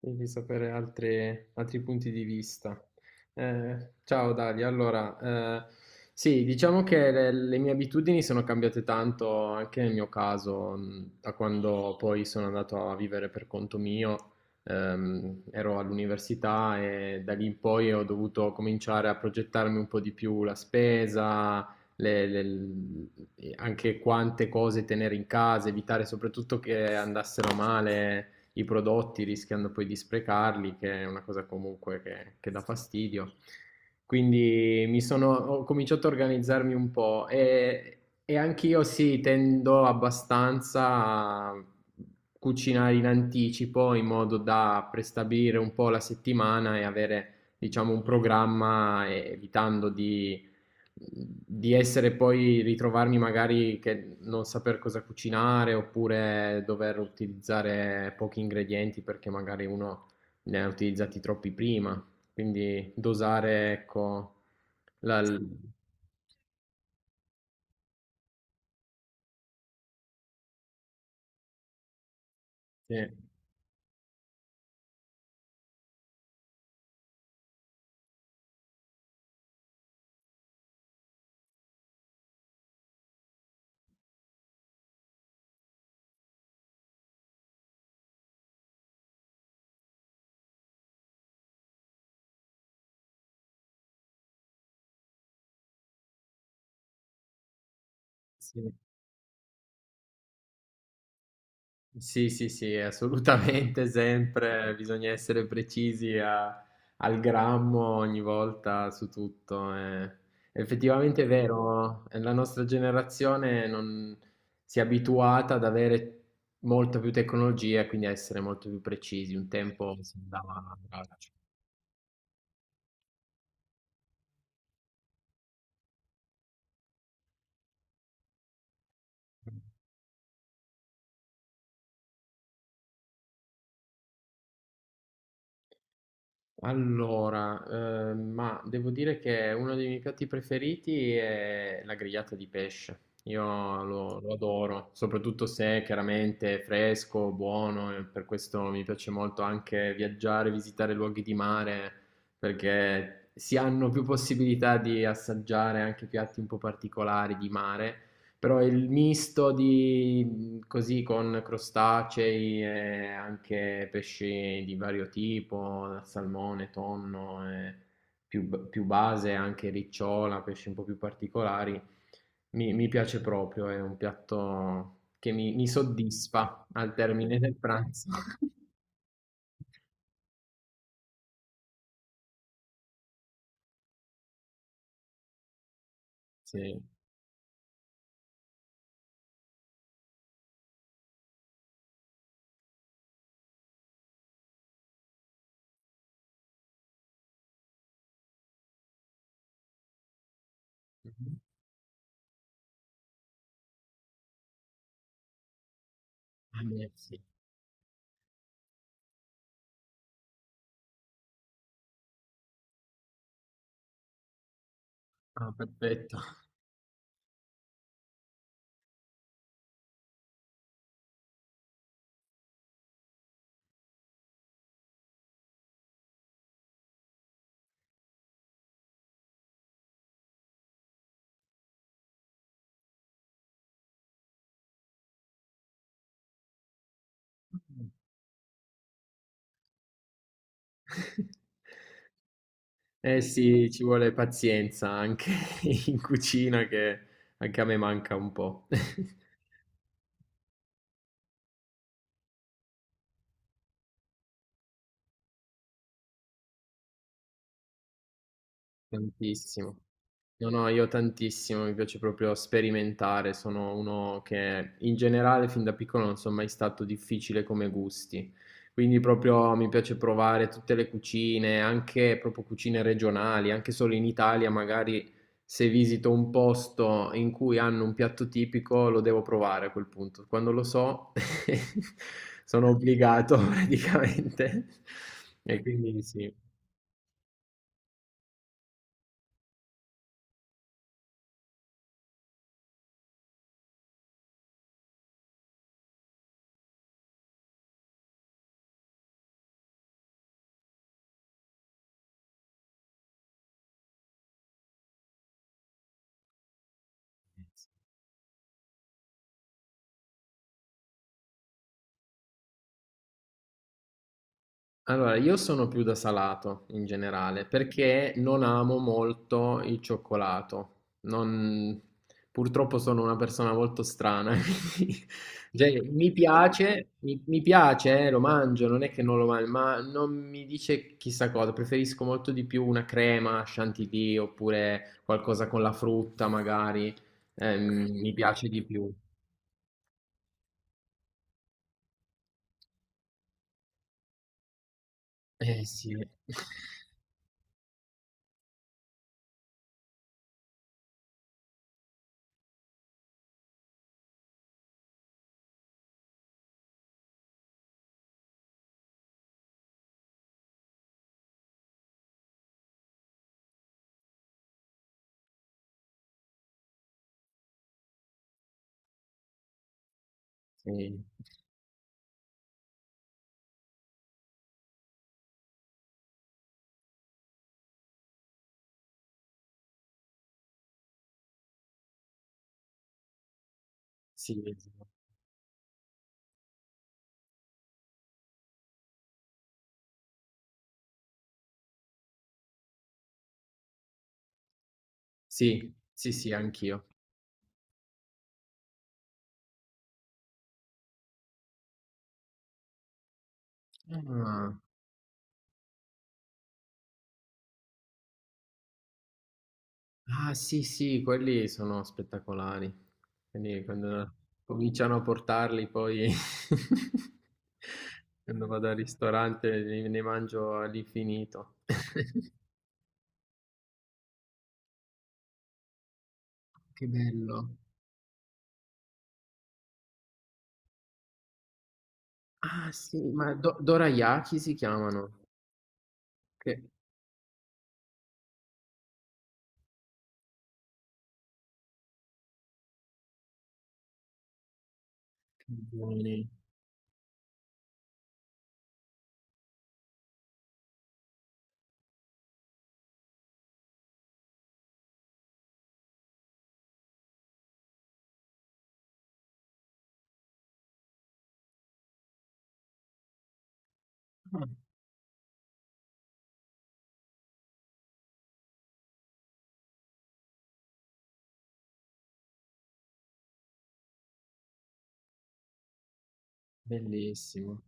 E di sapere altri punti di vista. Ciao Dalia, allora, sì, diciamo che le mie abitudini sono cambiate tanto anche nel mio caso, da quando poi sono andato a vivere per conto mio, ero all'università e da lì in poi ho dovuto cominciare a progettarmi un po' di più la spesa, le- le- anche quante cose tenere in casa, evitare soprattutto che andassero male i prodotti rischiando poi di sprecarli, che è una cosa comunque che dà fastidio. Quindi ho cominciato a organizzarmi un po' e anch'io sì, tendo abbastanza a cucinare in anticipo in modo da prestabilire un po' la settimana e avere, diciamo, un programma, evitando di essere poi ritrovarmi magari che non saper cosa cucinare oppure dover utilizzare pochi ingredienti perché magari uno ne ha utilizzati troppi prima. Quindi dosare, ecco, la... l- sì, sì. Sì, sì, sì, assolutamente, sempre bisogna essere al grammo ogni volta su tutto. Eh. Effettivamente è vero, la nostra generazione non si è abituata ad avere molta più tecnologia, quindi a essere molto più precisi. Un tempo si andava a braccio. Allora, ma devo dire che uno dei miei piatti preferiti è la grigliata di pesce. Io lo adoro, soprattutto se chiaramente è fresco, buono, e per questo mi piace molto anche viaggiare, visitare luoghi di mare, perché si hanno più possibilità di assaggiare anche piatti un po' particolari di mare però il misto di così con crostacei e anche pesci di vario tipo, da salmone, tonno, e più, più base, anche ricciola, pesci un po' più particolari, mi piace proprio, è un piatto che mi soddisfa al termine del pranzo. Sì. Mhm. Sì. Ah, perfetto. Eh sì, ci vuole pazienza anche in cucina che anche a me manca un po', tantissimo. No, no, io tantissimo, mi piace proprio sperimentare, sono uno che in generale fin da piccolo non sono mai stato difficile come gusti, quindi proprio mi piace provare tutte le cucine, anche proprio cucine regionali, anche solo in Italia, magari se visito un posto in cui hanno un piatto tipico lo devo provare a quel punto, quando lo so sono obbligato praticamente e quindi sì. Allora, io sono più da salato in generale perché non amo molto il cioccolato. Non- Purtroppo sono una persona molto strana. Quindi, cioè, mi piace, mi piace, lo mangio, non è che non lo mangio, ma non mi dice chissà cosa. Preferisco molto di più una crema chantilly oppure qualcosa con la frutta, magari. Mi piace di più. Eh sì, sì, sì, sì, sì, sì, anch'io. Ah, ah, sì, sì, quelli sono spettacolari. Quindi quando cominciano a portarli poi quando vado al ristorante ne mangio all'infinito. Che bello. Ah, sì, ma dorayaki si chiamano. Che, che buoni. Ah, bellissimo.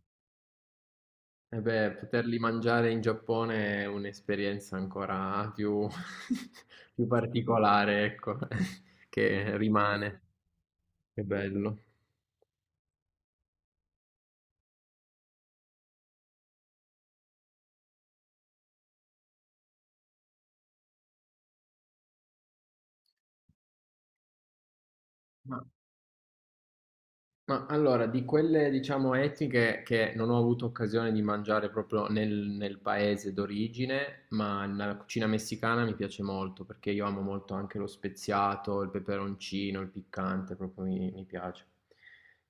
E beh, poterli mangiare in Giappone è un'esperienza ancora più, più particolare, ecco, che rimane. Che bello. Ma, ma allora, di quelle diciamo etniche che non ho avuto occasione di mangiare proprio nel, nel paese d'origine, ma nella cucina messicana mi piace molto perché io amo molto anche lo speziato, il peperoncino, il piccante, proprio mi piace.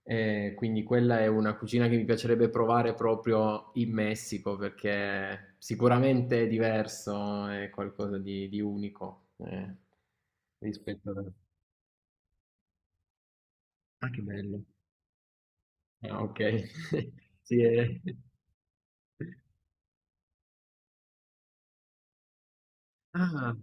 Quindi quella è una cucina che mi piacerebbe provare proprio in Messico perché sicuramente è diverso, è qualcosa di unico rispetto a... Ah, che bello. Ah, okay. Sì, ah,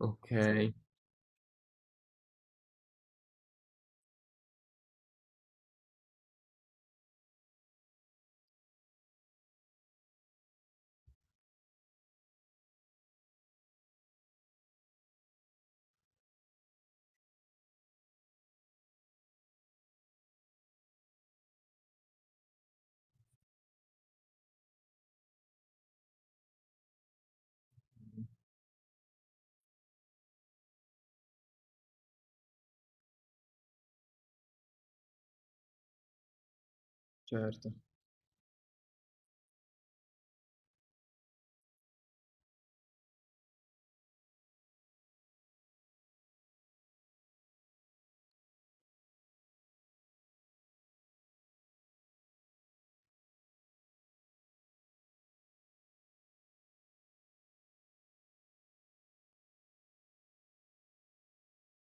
okay. Certo.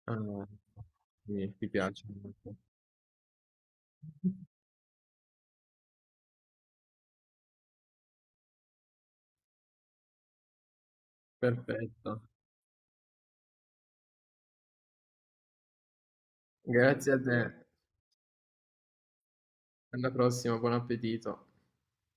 Ah, sì, ti piace molto. Perfetto. Grazie a te. Alla prossima, buon appetito.